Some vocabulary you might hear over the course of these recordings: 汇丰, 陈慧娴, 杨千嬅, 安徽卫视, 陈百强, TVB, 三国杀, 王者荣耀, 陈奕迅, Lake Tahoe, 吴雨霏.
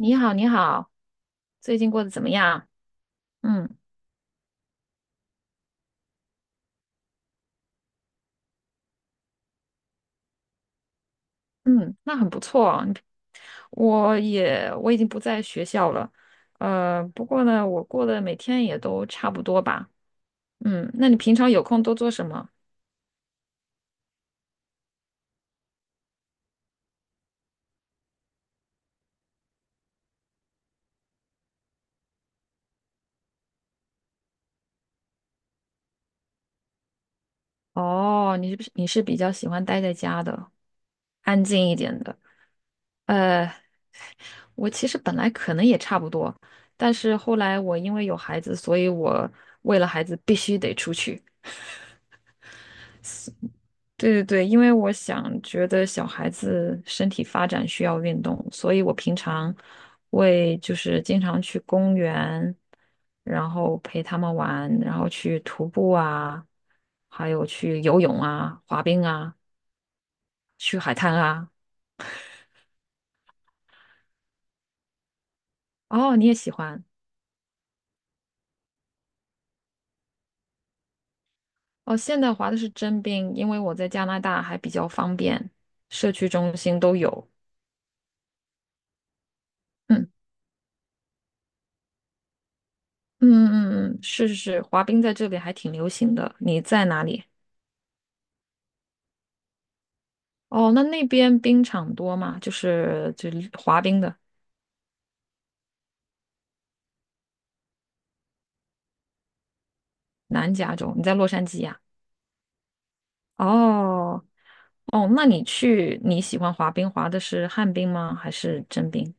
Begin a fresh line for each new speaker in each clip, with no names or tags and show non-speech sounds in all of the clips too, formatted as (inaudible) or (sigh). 你好，你好，最近过得怎么样？嗯嗯，那很不错哦你。我也已经不在学校了。不过呢，我过得每天也都差不多吧。嗯，那你平常有空都做什么？哦，你是不是你是比较喜欢待在家的，安静一点的？呃，我其实本来可能也差不多，但是后来我因为有孩子，所以我为了孩子必须得出去。对对对，因为我想觉得小孩子身体发展需要运动，所以我平常会就是经常去公园，然后陪他们玩，然后去徒步啊，还有去游泳啊、滑冰啊、去海滩啊。哦，你也喜欢？哦，现在滑的是真冰，因为我在加拿大还比较方便，社区中心都有。嗯嗯嗯嗯，嗯，是是是，滑冰在这里还挺流行的。你在哪里？哦，那那边冰场多吗？就是滑冰的。南加州。你在洛杉矶呀。哦哦，那你喜欢滑冰，滑的是旱冰吗？还是真冰？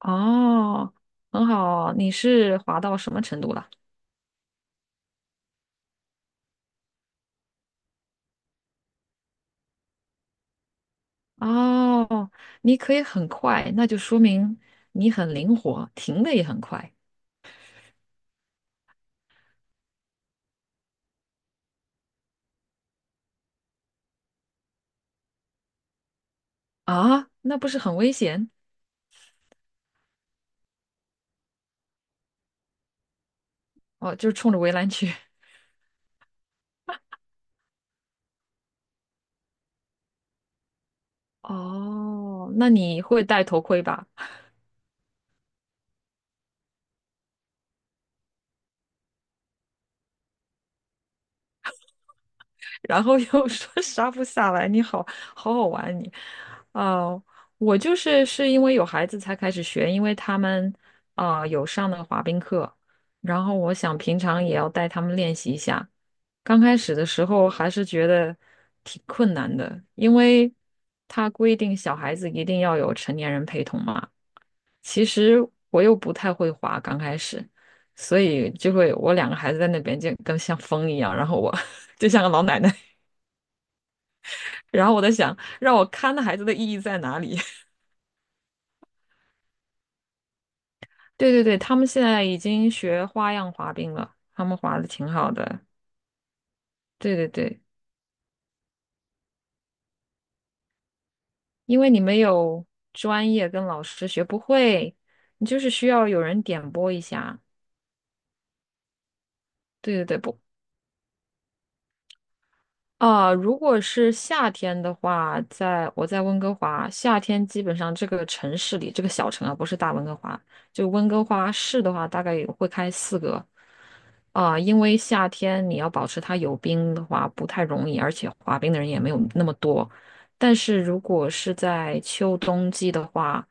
哦，很好，你是滑到什么程度了？哦，你可以很快，那就说明你很灵活，停的也很快。啊，那不是很危险？哦，就是冲着围栏去。(laughs) 哦，那你会戴头盔吧？然后又 (laughs) 说杀不下来，你好好好玩你。哦、我就是是因为有孩子才开始学，因为他们啊、有上那个滑冰课，然后我想平常也要带他们练习一下。刚开始的时候还是觉得挺困难的，因为他规定小孩子一定要有成年人陪同嘛。其实我又不太会滑，刚开始，所以就会我两个孩子在那边就跟像风一样，然后我 (laughs) 就像个老奶奶。然后我在想，让我看的孩子的意义在哪里？(laughs) 对对对，他们现在已经学花样滑冰了，他们滑的挺好的。对对对，因为你没有专业跟老师学不会，你就是需要有人点拨一下。对对对，不，啊、如果是夏天的话，在温哥华，夏天基本上这个城市里，这个小城啊，不是大温哥华，就温哥华市的话，大概也会开四个。因为夏天你要保持它有冰的话不太容易，而且滑冰的人也没有那么多。但是如果是在秋冬季的话，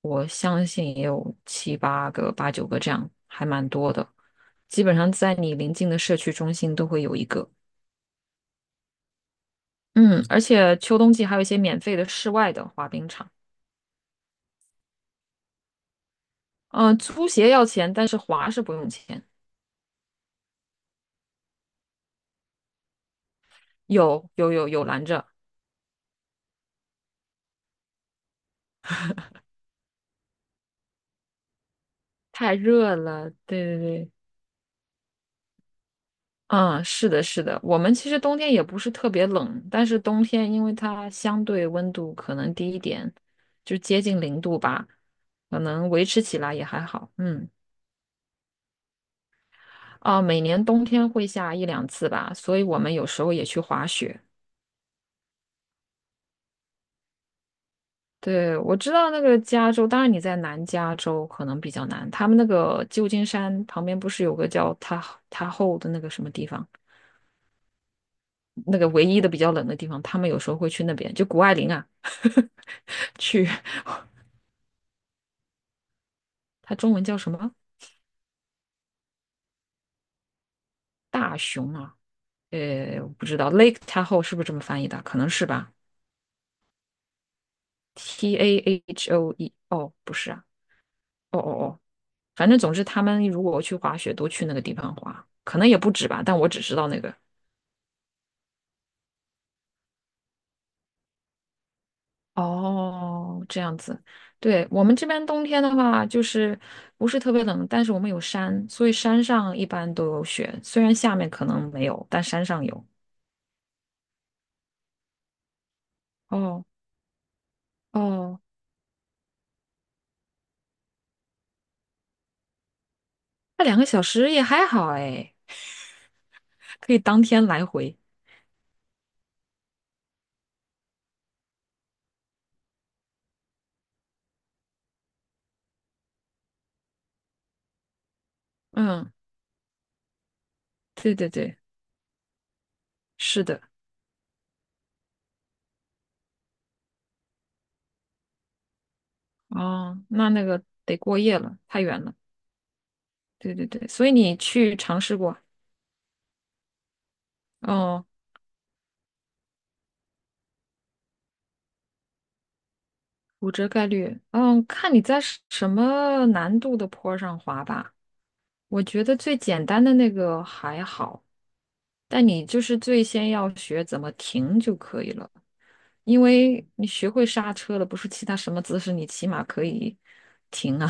我相信也有七八个、八九个这样，还蛮多的。基本上在你临近的社区中心都会有一个。嗯，而且秋冬季还有一些免费的室外的滑冰场。嗯、租鞋要钱，但是滑是不用钱。有有有有拦着。太热了。对对对。嗯，是的，是的，我们其实冬天也不是特别冷，但是冬天因为它相对温度可能低一点，就接近零度吧，可能维持起来也还好。嗯，啊，每年冬天会下一两次吧，所以我们有时候也去滑雪。对，我知道那个加州，当然你在南加州可能比较难，他们那个旧金山旁边不是有个叫塔后的那个什么地方，那个唯一的比较冷的地方，他们有时候会去那边，就谷爱凌啊，(laughs) 去。它中文叫什么？大熊啊？我不知道 Lake Tahoe 是不是这么翻译的？可能是吧。Tahoe， 哦，不是啊。哦哦哦，反正总之他们如果去滑雪都去那个地方滑，可能也不止吧，但我只知道那个。哦，这样子。对，我们这边冬天的话，就是不是特别冷，但是我们有山，所以山上一般都有雪。虽然下面可能没有，但山上有。哦哦，那两个小时也还好哎，可以当天来回。嗯，对对对，是的。哦，那那个得过夜了，太远了。对对对，所以你去尝试过？哦，骨折概率，嗯，看你在什么难度的坡上滑吧。我觉得最简单的那个还好，但你就是最先要学怎么停就可以了，因为你学会刹车了，不是其他什么姿势，你起码可以停啊。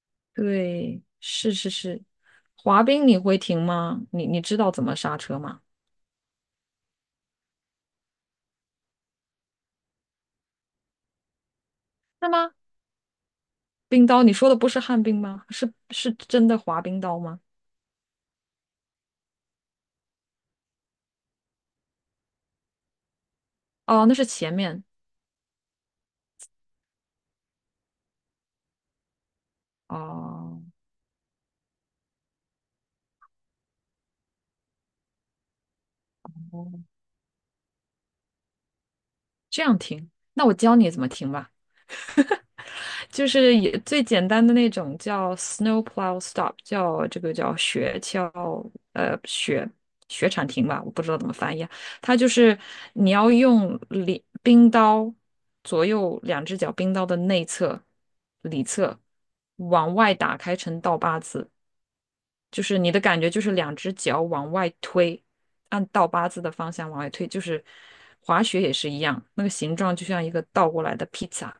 (laughs) 对，是是是，滑冰你会停吗？你知道怎么刹车吗？是吗？冰刀，你说的不是旱冰吗？是真的滑冰刀吗？哦，那是前面。哦，这样停。那我教你怎么停吧，就是也最简单的那种叫 snow plow stop，叫这个叫雪橇呃雪雪铲停吧，我不知道怎么翻译啊。它就是你要用里冰刀左右两只脚冰刀的内侧、里侧往外打开成倒八字。就是你的感觉就是两只脚往外推，按倒八字的方向往外推，就是滑雪也是一样，那个形状就像一个倒过来的披萨。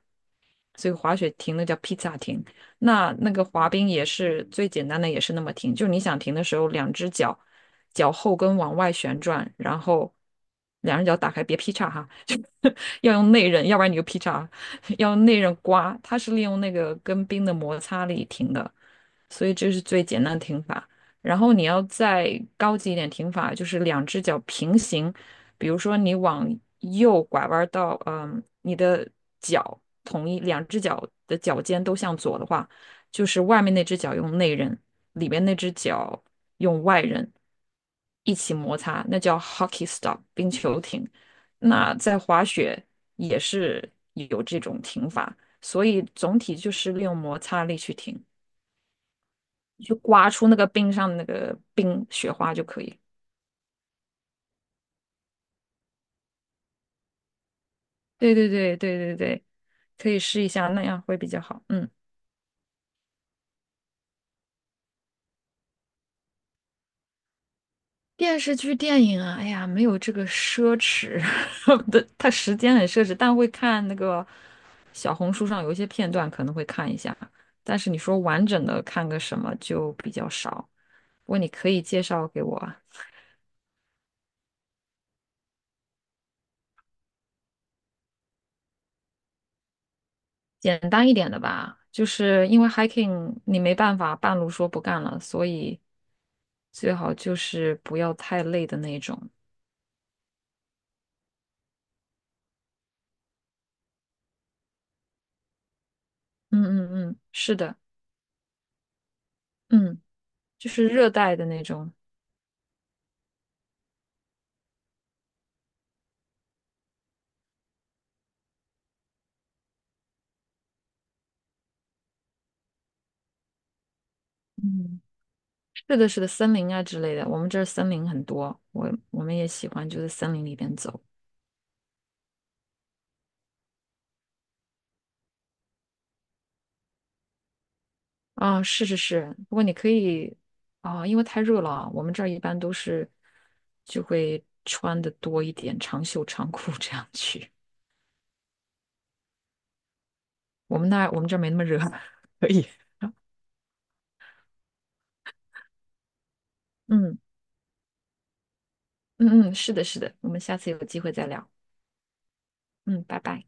所以滑雪停那叫披萨停。那那个滑冰也是最简单的，也是那么停，就你想停的时候，两只脚脚后跟往外旋转，然后两只脚打开，别劈叉哈，(laughs) 就要用内刃，要不然你就劈叉，要用内刃刮。它是利用那个跟冰的摩擦力停的，所以这是最简单的停法。然后你要再高级一点停法，就是两只脚平行，比如说你往右拐弯到，嗯，你的脚同一两只脚的脚尖都向左的话，就是外面那只脚用内刃，里面那只脚用外刃一起摩擦，那叫 hockey stop 冰球停。那在滑雪也是有这种停法，所以总体就是利用摩擦力去停，去刮出那个冰上的那个冰雪花就可以。对对对对对对，可以试一下，那样会比较好。嗯。电视剧、电影啊，哎呀，没有这个奢侈 (laughs) 的，它时间很奢侈，但会看那个小红书上有一些片段，可能会看一下。但是你说完整的看个什么就比较少。不过你可以介绍给我啊。简单一点的吧，就是因为 hiking 你没办法半路说不干了，所以最好就是不要太累的那种。嗯嗯嗯，是的，嗯，就是热带的那种。嗯。是的，是的，森林啊之类的，我们这儿森林很多，我们也喜欢就在森林里边走。啊，是是是，不过你可以。啊，因为太热了啊，我们这儿一般都是就会穿的多一点，长袖长裤这样去。我们这儿没那么热。(laughs) 嗯嗯嗯，是的，是的，我们下次有机会再聊。嗯，拜拜。